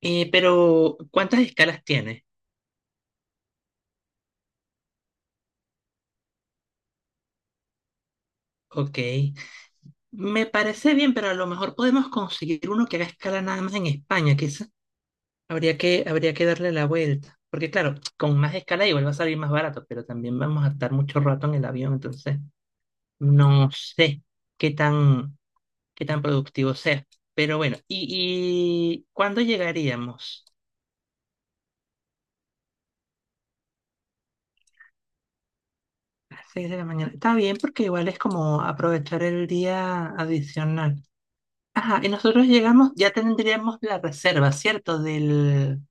Pero, ¿cuántas escalas tiene? Ok. Me parece bien, pero a lo mejor podemos conseguir uno que haga escala nada más en España, quizás. Habría que darle la vuelta. Porque claro, con más escala igual va a salir más barato, pero también vamos a estar mucho rato en el avión, entonces no sé qué tan, qué tan productivo sea. Pero bueno, ¿y cuándo llegaríamos? A las 6 de la mañana. Está bien, porque igual es como aprovechar el día adicional. Ajá, y nosotros llegamos, ya tendríamos la reserva, ¿cierto?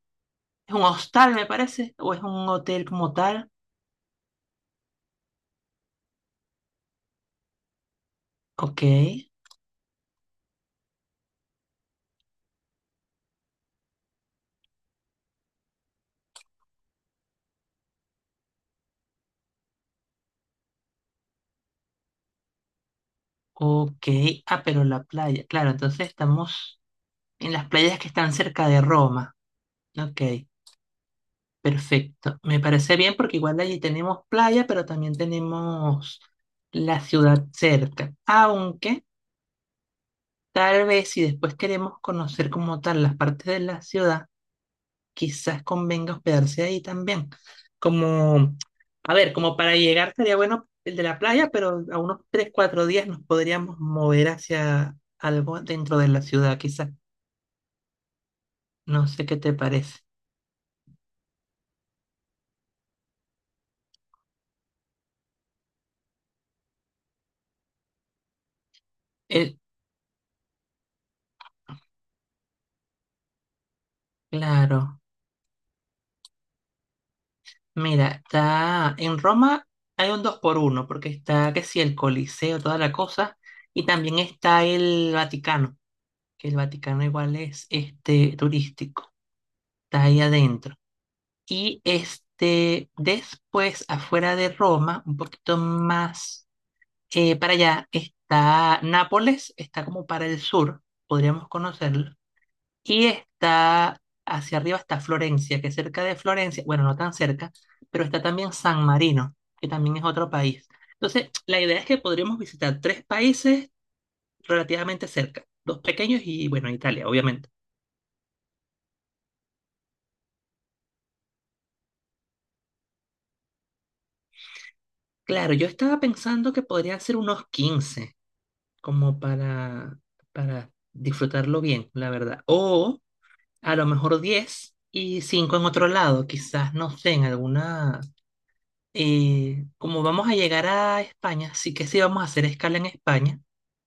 Es un hostal, me parece, o es un hotel como tal. Ok, ok. Ah, pero la playa, claro, entonces estamos en las playas que están cerca de Roma. Ok, perfecto. Me parece bien porque igual allí tenemos playa, pero también tenemos la ciudad cerca. Aunque tal vez si después queremos conocer como tal las partes de la ciudad, quizás convenga hospedarse ahí también. Como, a ver, como para llegar estaría bueno el de la playa, pero a unos 3 4 días nos podríamos mover hacia algo dentro de la ciudad, quizás. No sé qué te parece. El claro, mira, está en Roma, hay un 2 por uno, porque está, ¿que sí? El Coliseo, toda la cosa, y también está el Vaticano, que el Vaticano igual es este turístico, está ahí adentro. Y este, después, afuera de Roma, un poquito más para allá, está Nápoles, está como para el sur, podríamos conocerlo. Y está hacia arriba, está Florencia, que cerca de Florencia, bueno, no tan cerca, pero está también San Marino, que también es otro país. Entonces, la idea es que podríamos visitar tres países relativamente cerca, dos pequeños y, bueno, Italia, obviamente. Claro, yo estaba pensando que podrían ser unos 15 como para disfrutarlo bien, la verdad. O a lo mejor 10 y 5 en otro lado, quizás, no sé, en alguna... Como vamos a llegar a España, sí que sí vamos a hacer escala en España.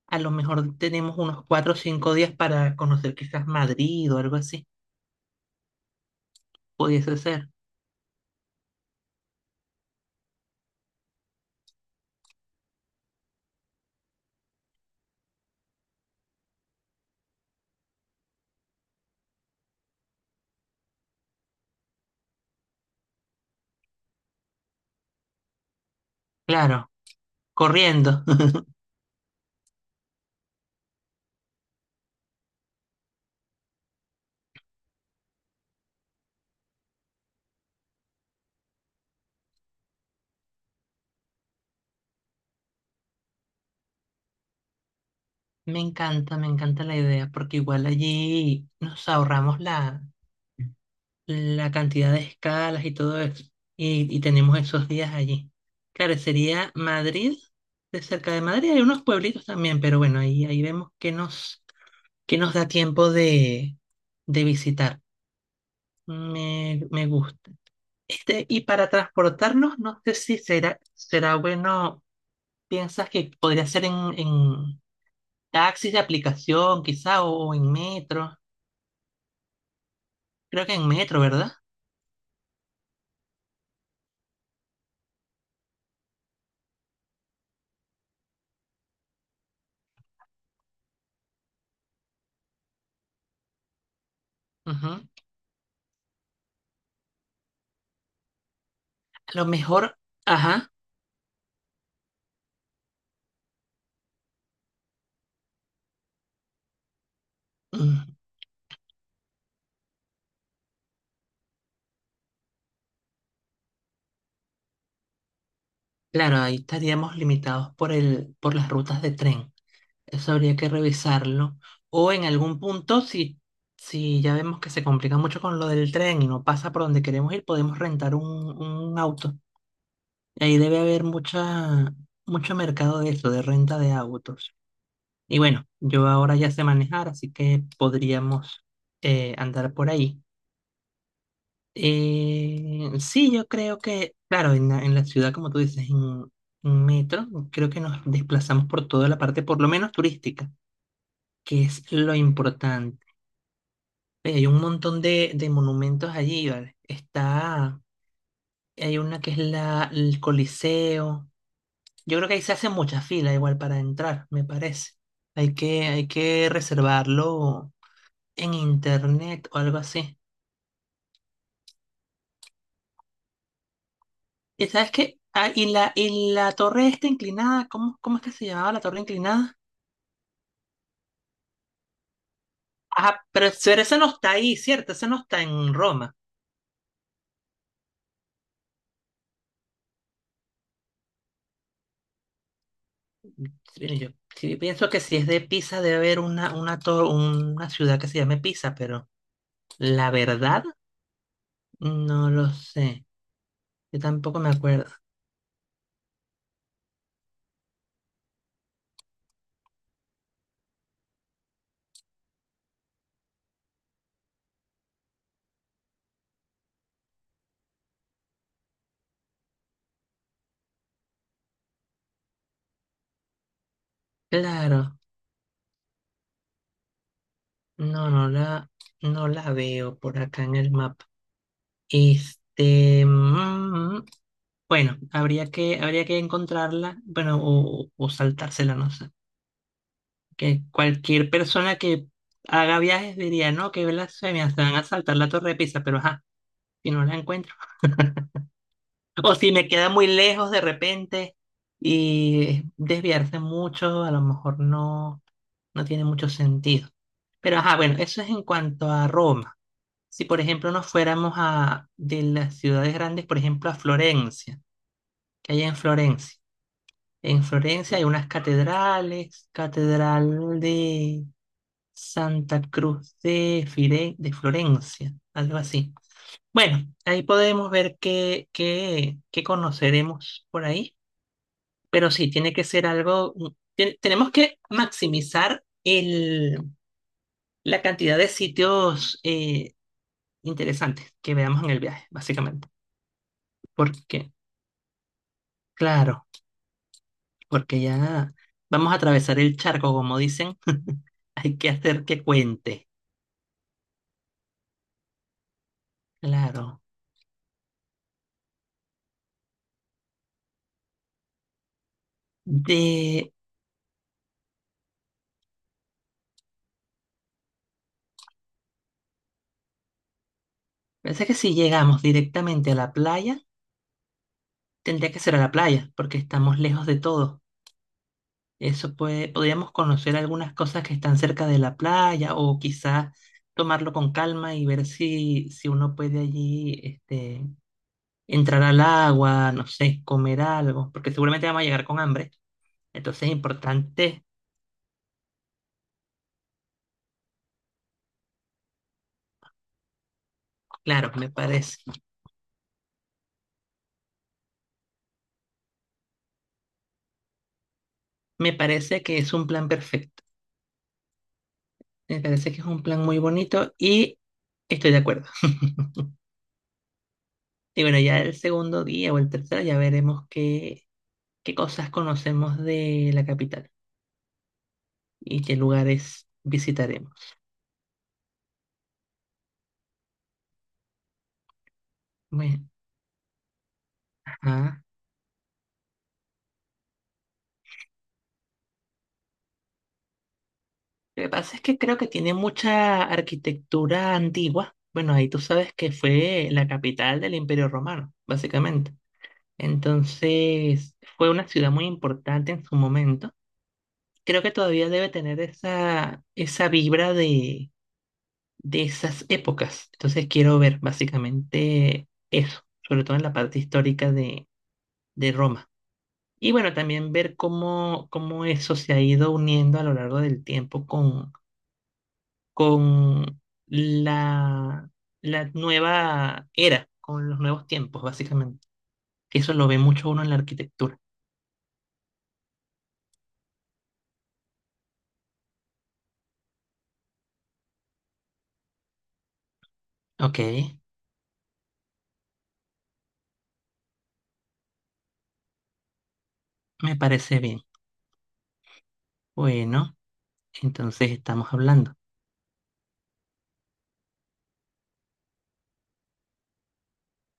A lo mejor tenemos unos 4 o 5 días para conocer quizás Madrid o algo así. Pudiese ser. Claro, corriendo. Me encanta la idea, porque igual allí nos ahorramos la... la cantidad de escalas y todo eso. Y tenemos esos días allí. Claro, sería Madrid, de cerca de Madrid hay unos pueblitos también, pero bueno, ahí vemos que nos da tiempo de visitar. Me gusta. Este, y para transportarnos, no sé si será, será bueno, ¿piensas que podría ser en taxis de aplicación quizá o en metro? Creo que en metro, ¿verdad? Ujú. A lo mejor, ajá. mm, Claro, ahí estaríamos limitados por por las rutas de tren. Eso habría que revisarlo. O en algún punto, si ya vemos que se complica mucho con lo del tren y no pasa por donde queremos ir, podemos rentar un auto. Y ahí debe haber mucho mercado de eso, de renta de autos. Y bueno, yo ahora ya sé manejar, así que podríamos andar por ahí. Sí, yo creo que, claro, en la, ciudad, como tú dices, en metro, creo que nos desplazamos por toda la parte, por lo menos turística, que es lo importante. Hay un montón de monumentos allí, ¿vale? Está, hay una que es el Coliseo. Yo creo que ahí se hace mucha fila igual para entrar, me parece. Hay que reservarlo en internet o algo así. ¿Y sabes qué? Ah, y la torre esta inclinada, ¿cómo es que se llamaba la torre inclinada? Ah, pero esa no está ahí, ¿cierto? Esa no está en Roma. Sí, yo sí pienso que si es de Pisa debe haber una, una ciudad que se llame Pisa, pero la verdad no lo sé. Yo tampoco me acuerdo. Claro, no, no la veo por acá en el mapa. Este, mm, mm, mm. Bueno, habría que encontrarla, bueno, o saltársela, no sé. Que cualquier persona que haga viajes diría, no, qué blasfemia, se van a saltar la Torre de Pisa, pero ajá, si no la encuentro. O si me queda muy lejos de repente y desviarse mucho, a lo mejor no, no tiene mucho sentido. Pero ajá, bueno, eso es en cuanto a Roma. Si por ejemplo nos fuéramos a de las ciudades grandes, por ejemplo a Florencia, que hay en Florencia. En Florencia hay unas catedrales, catedral de Santa Cruz de, de Florencia, algo así. Bueno, ahí podemos ver qué conoceremos por ahí, pero sí, tiene que ser algo, tenemos que maximizar la cantidad de sitios interesantes que veamos en el viaje, básicamente. Porque, claro, porque ya vamos a atravesar el charco, como dicen, hay que hacer que cuente, claro. De, Parece que si llegamos directamente a la playa, tendría que ser a la playa, porque estamos lejos de todo. Eso podríamos conocer algunas cosas que están cerca de la playa o quizás tomarlo con calma y ver si uno puede allí entrar al agua, no sé, comer algo, porque seguramente vamos a llegar con hambre. Entonces es importante, claro, me parece. Me parece que es un plan perfecto. Me parece que es un plan muy bonito y estoy de acuerdo. Y bueno, ya el segundo día o el tercero ya veremos qué cosas conocemos de la capital y qué lugares visitaremos. Bueno, ajá. Lo que pasa es que creo que tiene mucha arquitectura antigua. Bueno, ahí tú sabes que fue la capital del Imperio Romano, básicamente. Entonces, fue una ciudad muy importante en su momento. Creo que todavía debe tener esa vibra de esas épocas. Entonces quiero ver básicamente eso, sobre todo en la parte histórica de Roma. Y bueno, también ver cómo eso se ha ido uniendo a lo largo del tiempo con la, la nueva era, con los nuevos tiempos, básicamente. Que eso lo ve mucho uno en la arquitectura. Ok, me parece bien. Bueno, entonces estamos hablando.